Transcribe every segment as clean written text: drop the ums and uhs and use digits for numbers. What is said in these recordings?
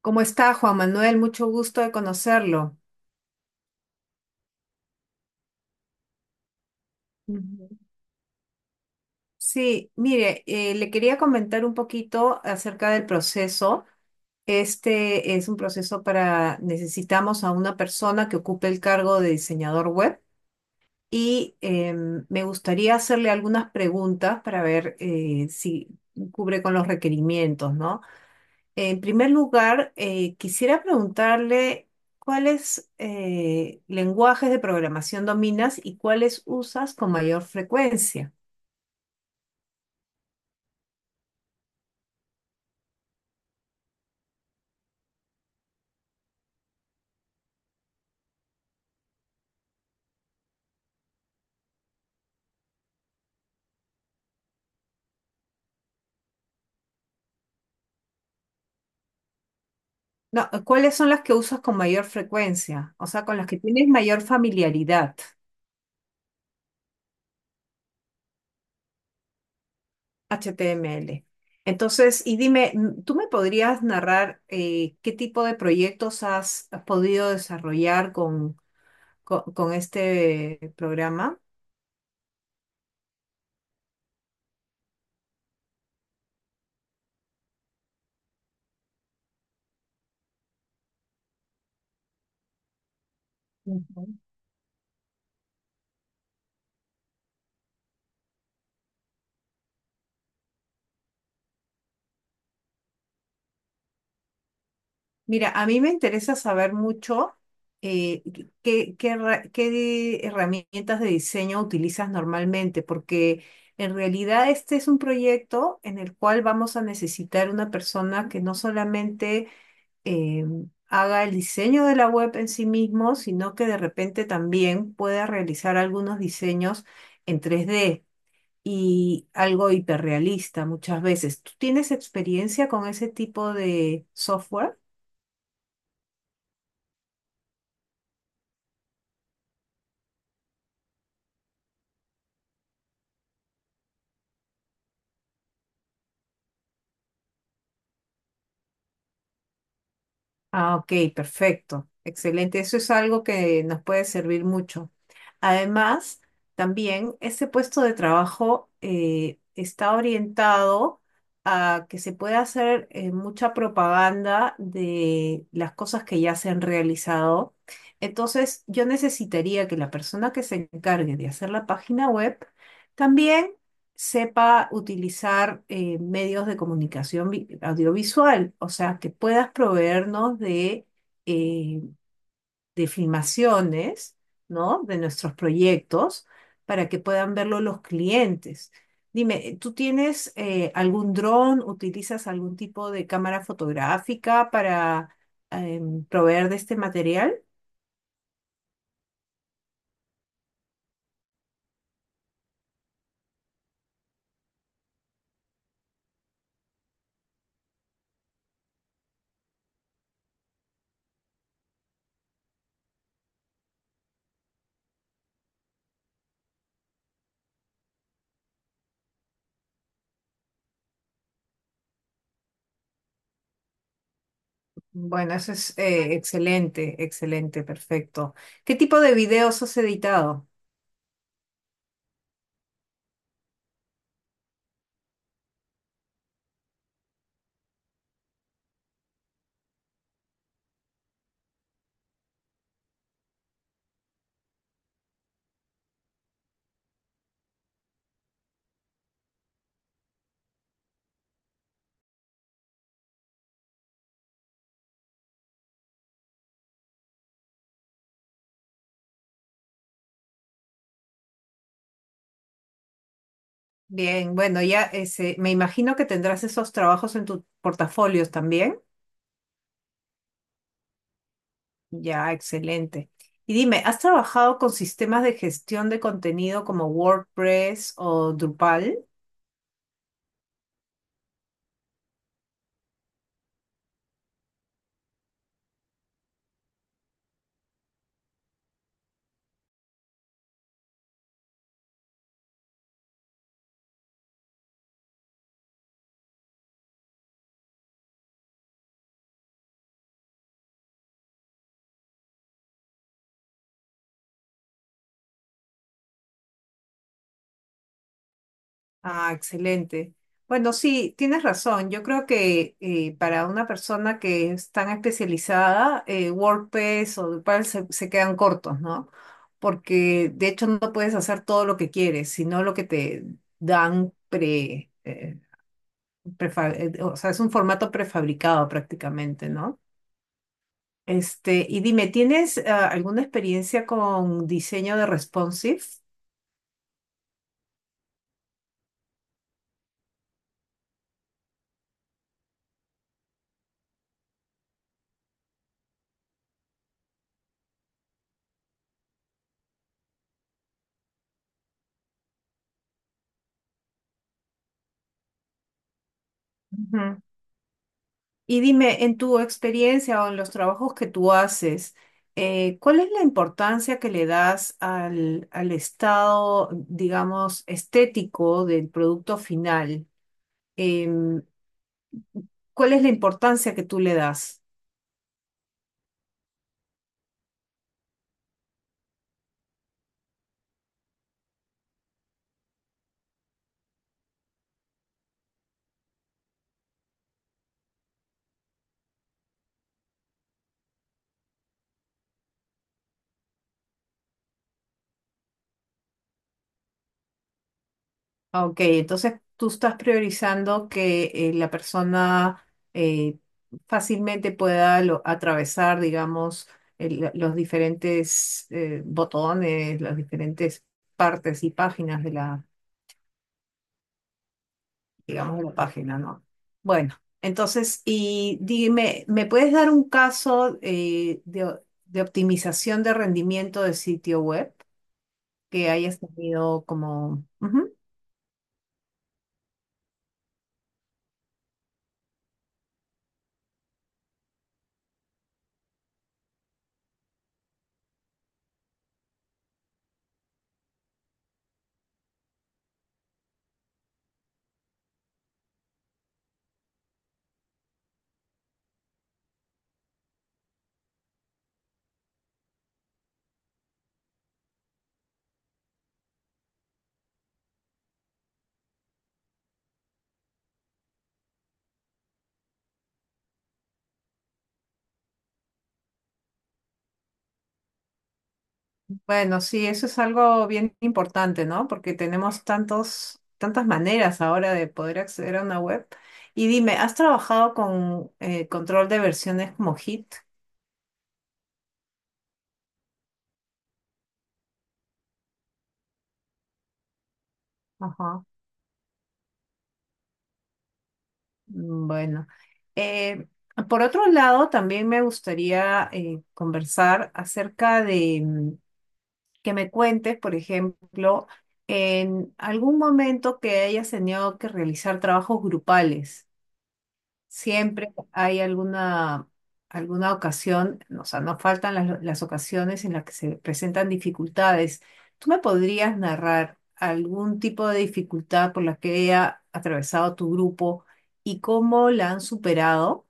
¿Cómo está, Juan Manuel? Mucho gusto de conocerlo. Ujú. Sí, mire, le quería comentar un poquito acerca del proceso. Este es un proceso para, necesitamos a una persona que ocupe el cargo de diseñador web y me gustaría hacerle algunas preguntas para ver si cubre con los requerimientos, ¿no? En primer lugar, quisiera preguntarle cuáles lenguajes de programación dominas y cuáles usas con mayor frecuencia. No, ¿cuáles son las que usas con mayor frecuencia? O sea, con las que tienes mayor familiaridad, HTML. Entonces, y dime, ¿tú me podrías narrar qué tipo de proyectos has podido desarrollar con este programa? Ujú. Mira, a mí me interesa saber mucho eh, qué herramientas de diseño utilizas normalmente, porque en realidad este es un proyecto en el cual vamos a necesitar una persona que no solamente eh, haga el diseño de la web en sí mismo, sino que de repente también pueda realizar algunos diseños en tres d y algo hiperrealista muchas veces. ¿Tú tienes experiencia con ese tipo de software? Ah, ok, perfecto. Excelente. Eso es algo que nos puede servir mucho. Además, también este puesto de trabajo está orientado a que se pueda hacer mucha propaganda de las cosas que ya se han realizado. Entonces, yo necesitaría que la persona que se encargue de hacer la página web también sepa utilizar medios de comunicación audiovisual, o sea, que puedas proveernos eh, de filmaciones, ¿no? De nuestros proyectos para que puedan verlo los clientes. Dime, ¿tú tienes algún dron? ¿Utilizas algún tipo de cámara fotográfica para proveer de este material? Bueno, eso es excelente, excelente, perfecto. ¿Qué tipo de videos has editado? Bien, bueno, ya ese, me imagino que tendrás esos trabajos en tus portafolios también. Ya, excelente. Y dime, ¿has trabajado con sistemas de gestión de contenido como WordPress o Drupal? Ah, excelente. Bueno, sí, tienes razón. Yo creo que para una persona que es tan especializada, WordPress o Drupal se quedan cortos, ¿no? Porque de hecho no puedes hacer todo lo que quieres, sino lo que te dan pre, eh, o sea, es un formato prefabricado prácticamente, ¿no? Este, y dime, ¿tienes alguna experiencia con diseño de responsive? Ujú. Y dime, en tu experiencia o en los trabajos que tú haces, ¿cuál es la importancia que le das al estado, digamos, estético del producto final? Em, ¿Cuál es la importancia que tú le das? Ah, ok, entonces tú estás priorizando que la persona eh, fácilmente pueda atravesar, digamos, los diferentes botones, las diferentes partes y páginas de la, digamos, de la página, ¿no? Bueno, entonces, y dime, ¿me puedes dar un caso de optimización de rendimiento de sitio web que hayas tenido como... Bueno, sí, eso es algo bien importante, ¿no? Porque tenemos tantas maneras ahora de poder acceder a una web. Y dime, ¿has trabajado con control de versiones como Git? Ajá. Bueno. Eh, por otro lado, también me gustaría conversar acerca de que me cuentes, por ejemplo, en algún momento que hayas tenido que realizar trabajos grupales. Siempre hay alguna ocasión, o sea, no faltan las ocasiones en las que se presentan dificultades. ¿Tú me podrías narrar algún tipo de dificultad por la que haya atravesado tu grupo y cómo la han superado?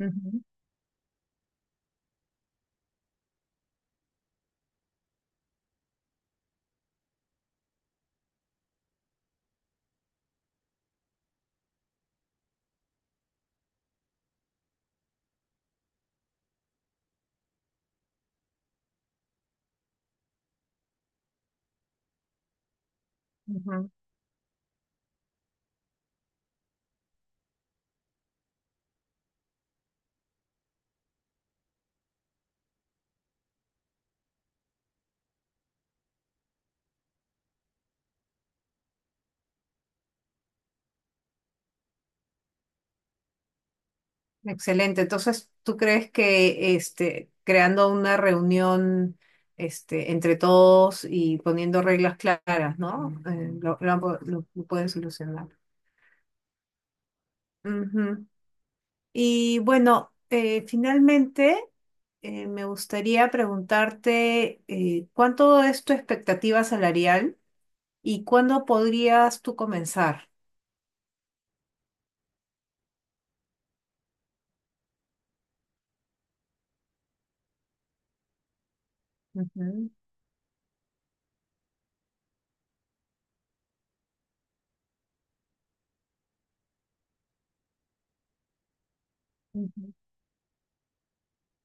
Ujú, ujú. Excelente. Entonces, ¿tú crees que este, creando una reunión este, entre todos y poniendo reglas claras, ¿no? Lo lo pueden solucionar. Ujú. Y bueno, finalmente me gustaría preguntarte ¿cuánto es tu expectativa salarial y cuándo podrías tú comenzar? Ujú, ujú.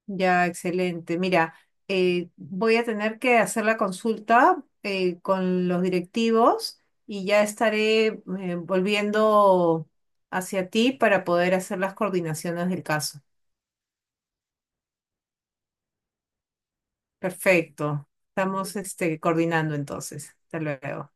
Ya, excelente. Mira, voy a tener que hacer la consulta con los directivos y ya estaré volviendo hacia ti para poder hacer las coordinaciones del caso. Perfecto. Estamos este, coordinando entonces. Hasta luego.